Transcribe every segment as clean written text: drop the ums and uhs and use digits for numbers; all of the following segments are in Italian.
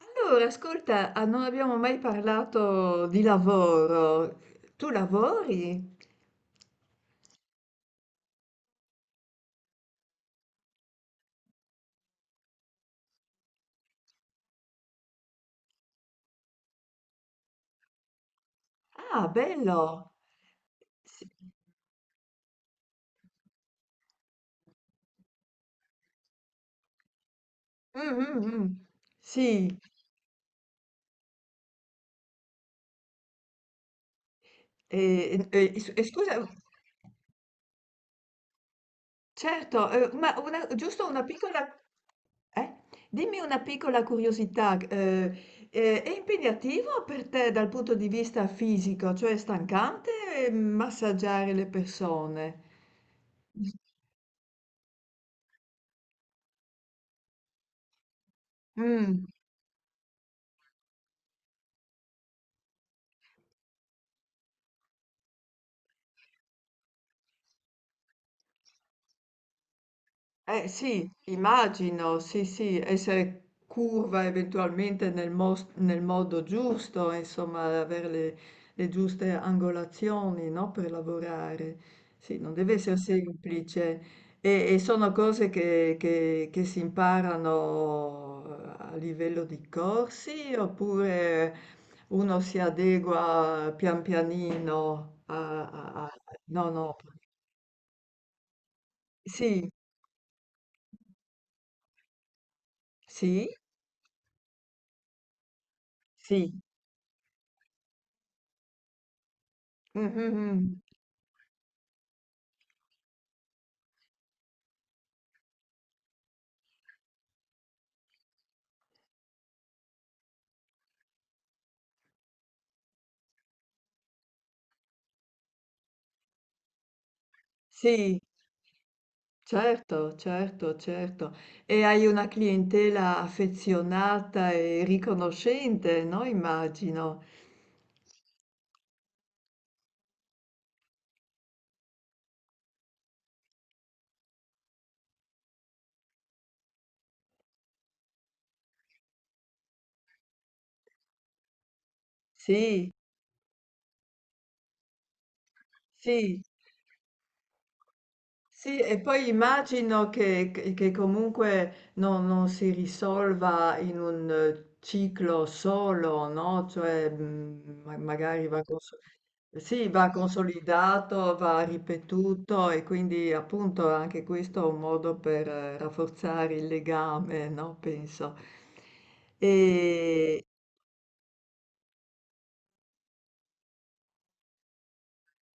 Allora, ascolta, non abbiamo mai parlato di lavoro. Tu lavori? Ah, bello! Sì. Mm, mm, mm. Sì. E scusa, certo, ma giusto una piccola, eh? Dimmi una piccola curiosità, è impegnativo per te dal punto di vista fisico, cioè è stancante massaggiare le persone? Mm. Eh sì, immagino, sì, sì, essere curva eventualmente nel modo giusto, insomma, avere le giuste angolazioni, no, per lavorare. Sì, non deve essere semplice. E sono cose che si imparano a livello di corsi oppure uno si adegua pian pianino a. a- a- No, no, sì, sì, sì. Mhm, mhm. Sì, certo, certo, certo. E hai una clientela affezionata e riconoscente, no? Immagino. Sì, sì, sì, e poi immagino che comunque non si risolva in un ciclo solo, no? Cioè, magari va con. Sì, va consolidato, va ripetuto e quindi appunto anche questo è un modo per rafforzare il legame, no? Penso. Sì. E,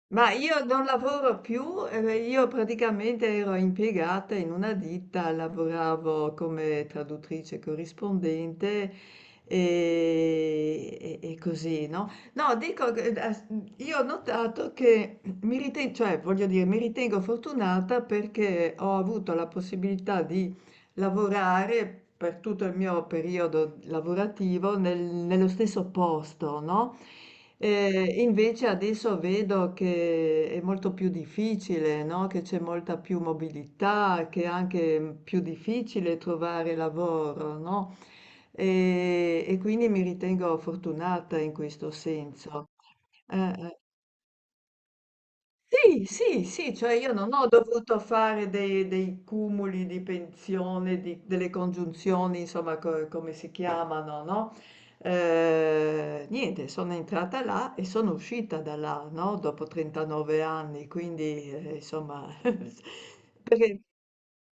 ma io non lavoro più, io praticamente ero impiegata in una ditta, lavoravo come traduttrice corrispondente e così, no? No, dico, che, io ho notato che mi ritengo, cioè voglio dire, mi ritengo fortunata perché ho avuto la possibilità di lavorare per tutto il mio periodo lavorativo nello stesso posto, no? Invece adesso vedo che è molto più difficile, no? Che c'è molta più mobilità, che è anche più difficile trovare lavoro, no? E quindi mi ritengo fortunata in questo senso. Eh. Sì, sì, sì, cioè io non ho dovuto fare dei cumuli di pensione, delle congiunzioni, insomma, come si chiamano, no? Niente, sono entrata là e sono uscita da là, no? Dopo 39 anni, quindi, insomma. Perché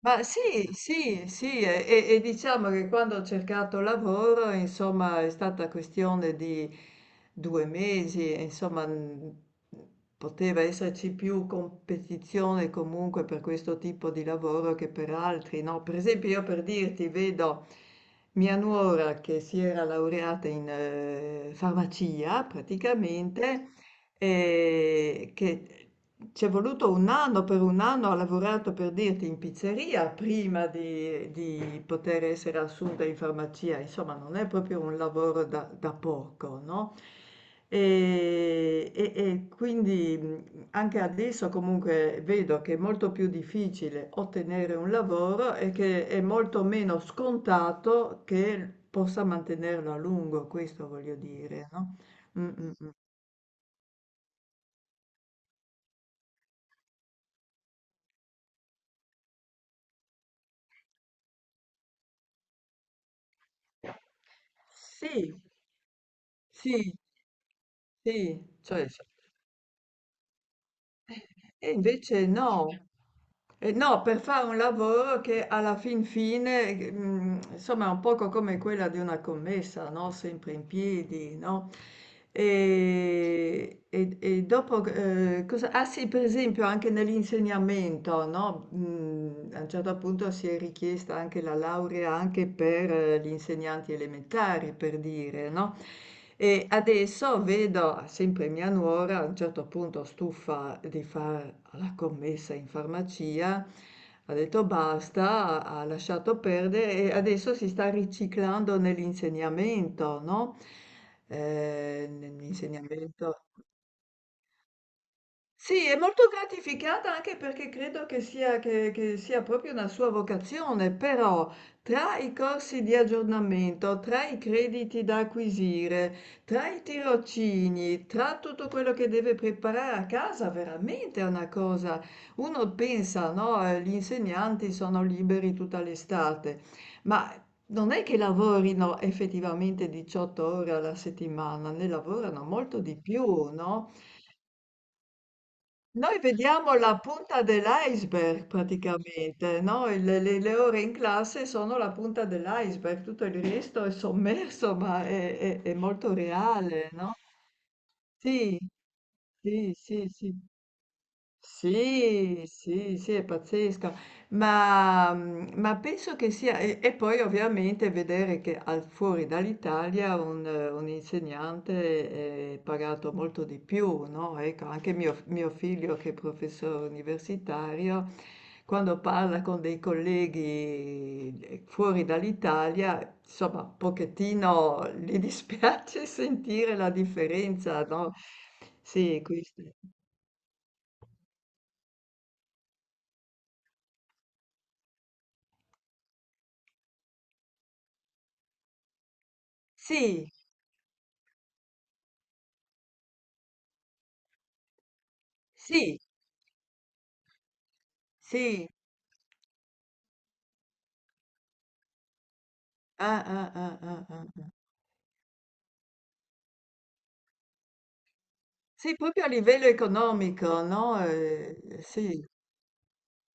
ma sì, sì, sì, e diciamo che quando ho cercato lavoro, insomma, è stata questione di 2 mesi, e, insomma, poteva esserci più competizione comunque per questo tipo di lavoro che per altri, no? Per esempio, io per dirti, vedo mia nuora che si era laureata in farmacia praticamente, che ci è voluto 1 anno, per 1 anno ha lavorato per dirti in pizzeria prima di poter essere assunta in farmacia, insomma non è proprio un lavoro da poco, no, e quindi, anche adesso comunque vedo che è molto più difficile ottenere un lavoro e che è molto meno scontato che possa mantenerlo a lungo, questo voglio dire, no? Mh-mh. Sì. Sì. Sì, cioè s e invece no. No, per fare un lavoro che alla fin fine, insomma, è un poco come quella di una commessa, no? Sempre in piedi, no? E dopo, ah sì, per esempio anche nell'insegnamento, no? A un certo punto si è richiesta anche la laurea anche per gli insegnanti elementari, per dire, no? E adesso vedo sempre mia nuora, a un certo punto stufa di fare la commessa in farmacia, ha detto basta, ha lasciato perdere e adesso si sta riciclando nell'insegnamento, no? Sì. Nell'insegnamento sì, è molto gratificata anche perché credo che sia, che sia proprio una sua vocazione, però tra i corsi di aggiornamento, tra i crediti da acquisire, tra i tirocini, tra tutto quello che deve preparare a casa, veramente è una cosa. Uno pensa, no, gli insegnanti sono liberi tutta l'estate, ma non è che lavorino effettivamente 18 ore alla settimana, ne lavorano molto di più, no? Noi vediamo la punta dell'iceberg praticamente, no? Le ore in classe sono la punta dell'iceberg, tutto il resto è sommerso, ma è molto reale, no? Sì, sì, sì, sì. Sì, sì, sì, è pazzesco, ma, ma penso che sia, e poi ovviamente vedere che fuori dall'Italia un insegnante è pagato molto di più, no? Ecco, anche mio figlio che è professore universitario, quando parla con dei colleghi fuori dall'Italia, insomma, un pochettino gli dispiace sentire la differenza, no? Sì, questo. Sì, sì, sì, ah, ah, ah, ah, ah, ah. Sì, proprio a livello economico, no, sì.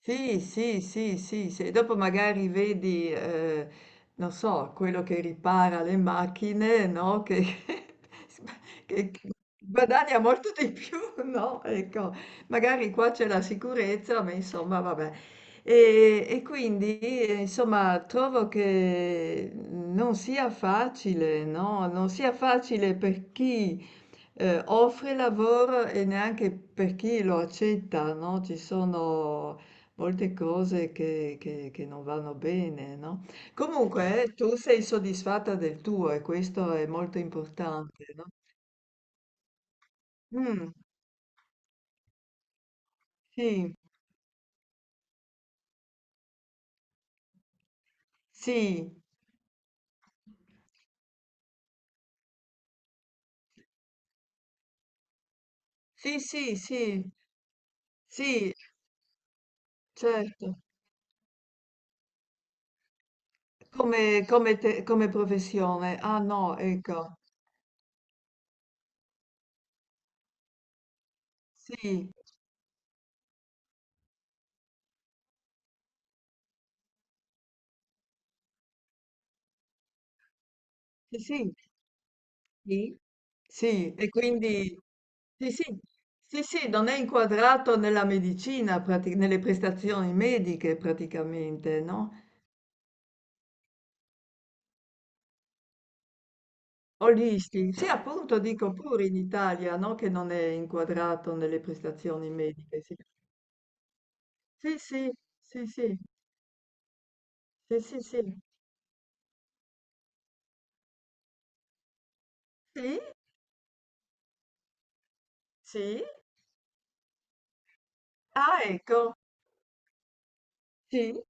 Sì, sì, sì, sì, sì. Dopo magari vedi, non so, quello che ripara le macchine, no? Che, che guadagna molto di più, no? Ecco, magari qua c'è la sicurezza, ma insomma, vabbè. E quindi, insomma, trovo che non sia facile, no? Non sia facile per chi offre lavoro e neanche per chi lo accetta, no? Ci sono molte cose che non vanno bene, no? Comunque, tu sei soddisfatta del tuo e questo è molto importante, no? Mm, sì, sì. Sì, sì, sì, sì, certo. Come, come professione. Ah no, ecco. Sì, sì, sì. Sì. Sì. E quindi sì, sì, sì, sì, non è inquadrato nella medicina, prati nelle prestazioni mediche praticamente, no, olisti sì, appunto dico pure in Italia, no, che non è inquadrato nelle prestazioni mediche, sì. Sì, sì, sì, sì, sì, sì, sì. Sì, sì. Ah, ecco. Sì,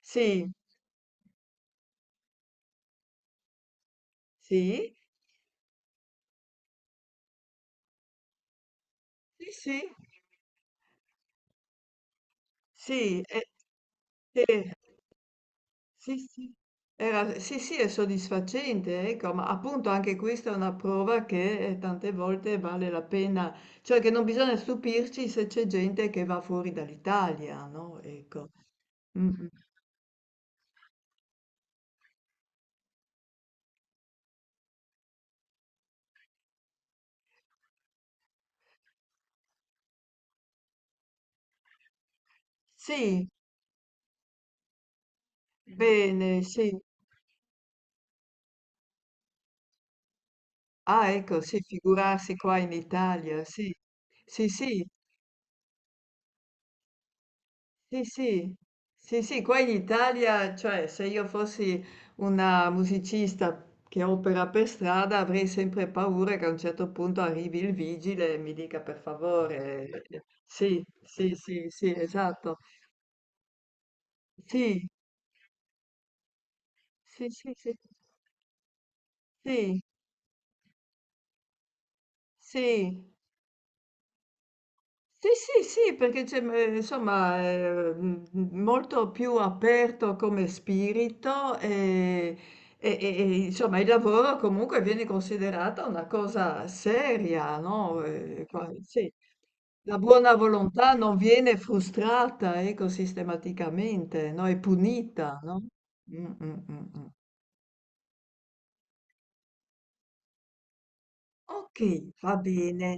sì, sì, sì, sì. Sì, e sì. Sì, sì. Era sì, sì, è soddisfacente, ecco, ma appunto anche questa è una prova che tante volte vale la pena, cioè che non bisogna stupirci se c'è gente che va fuori dall'Italia, no? Ecco. Mm, mm. Sì, bene, sì. Ah, ecco, sì, figurarsi qua in Italia, sì. Sì, sì, sì, sì, sì, sì, qua in Italia, cioè se io fossi una musicista che opera per strada avrei sempre paura che a un certo punto arrivi il vigile e mi dica per favore. Sì, sì, sì, sì, esatto. Sì, sì, sì, sì, sì, sì. Sì, sì, sì, perché c'è, insomma, molto più aperto come spirito, e insomma il lavoro comunque viene considerata una cosa seria, no, qua sì, la buona volontà non viene frustrata, ecco, sistematicamente, no, è punita, no? Mh, mh, mh, mh. Okay, va bene.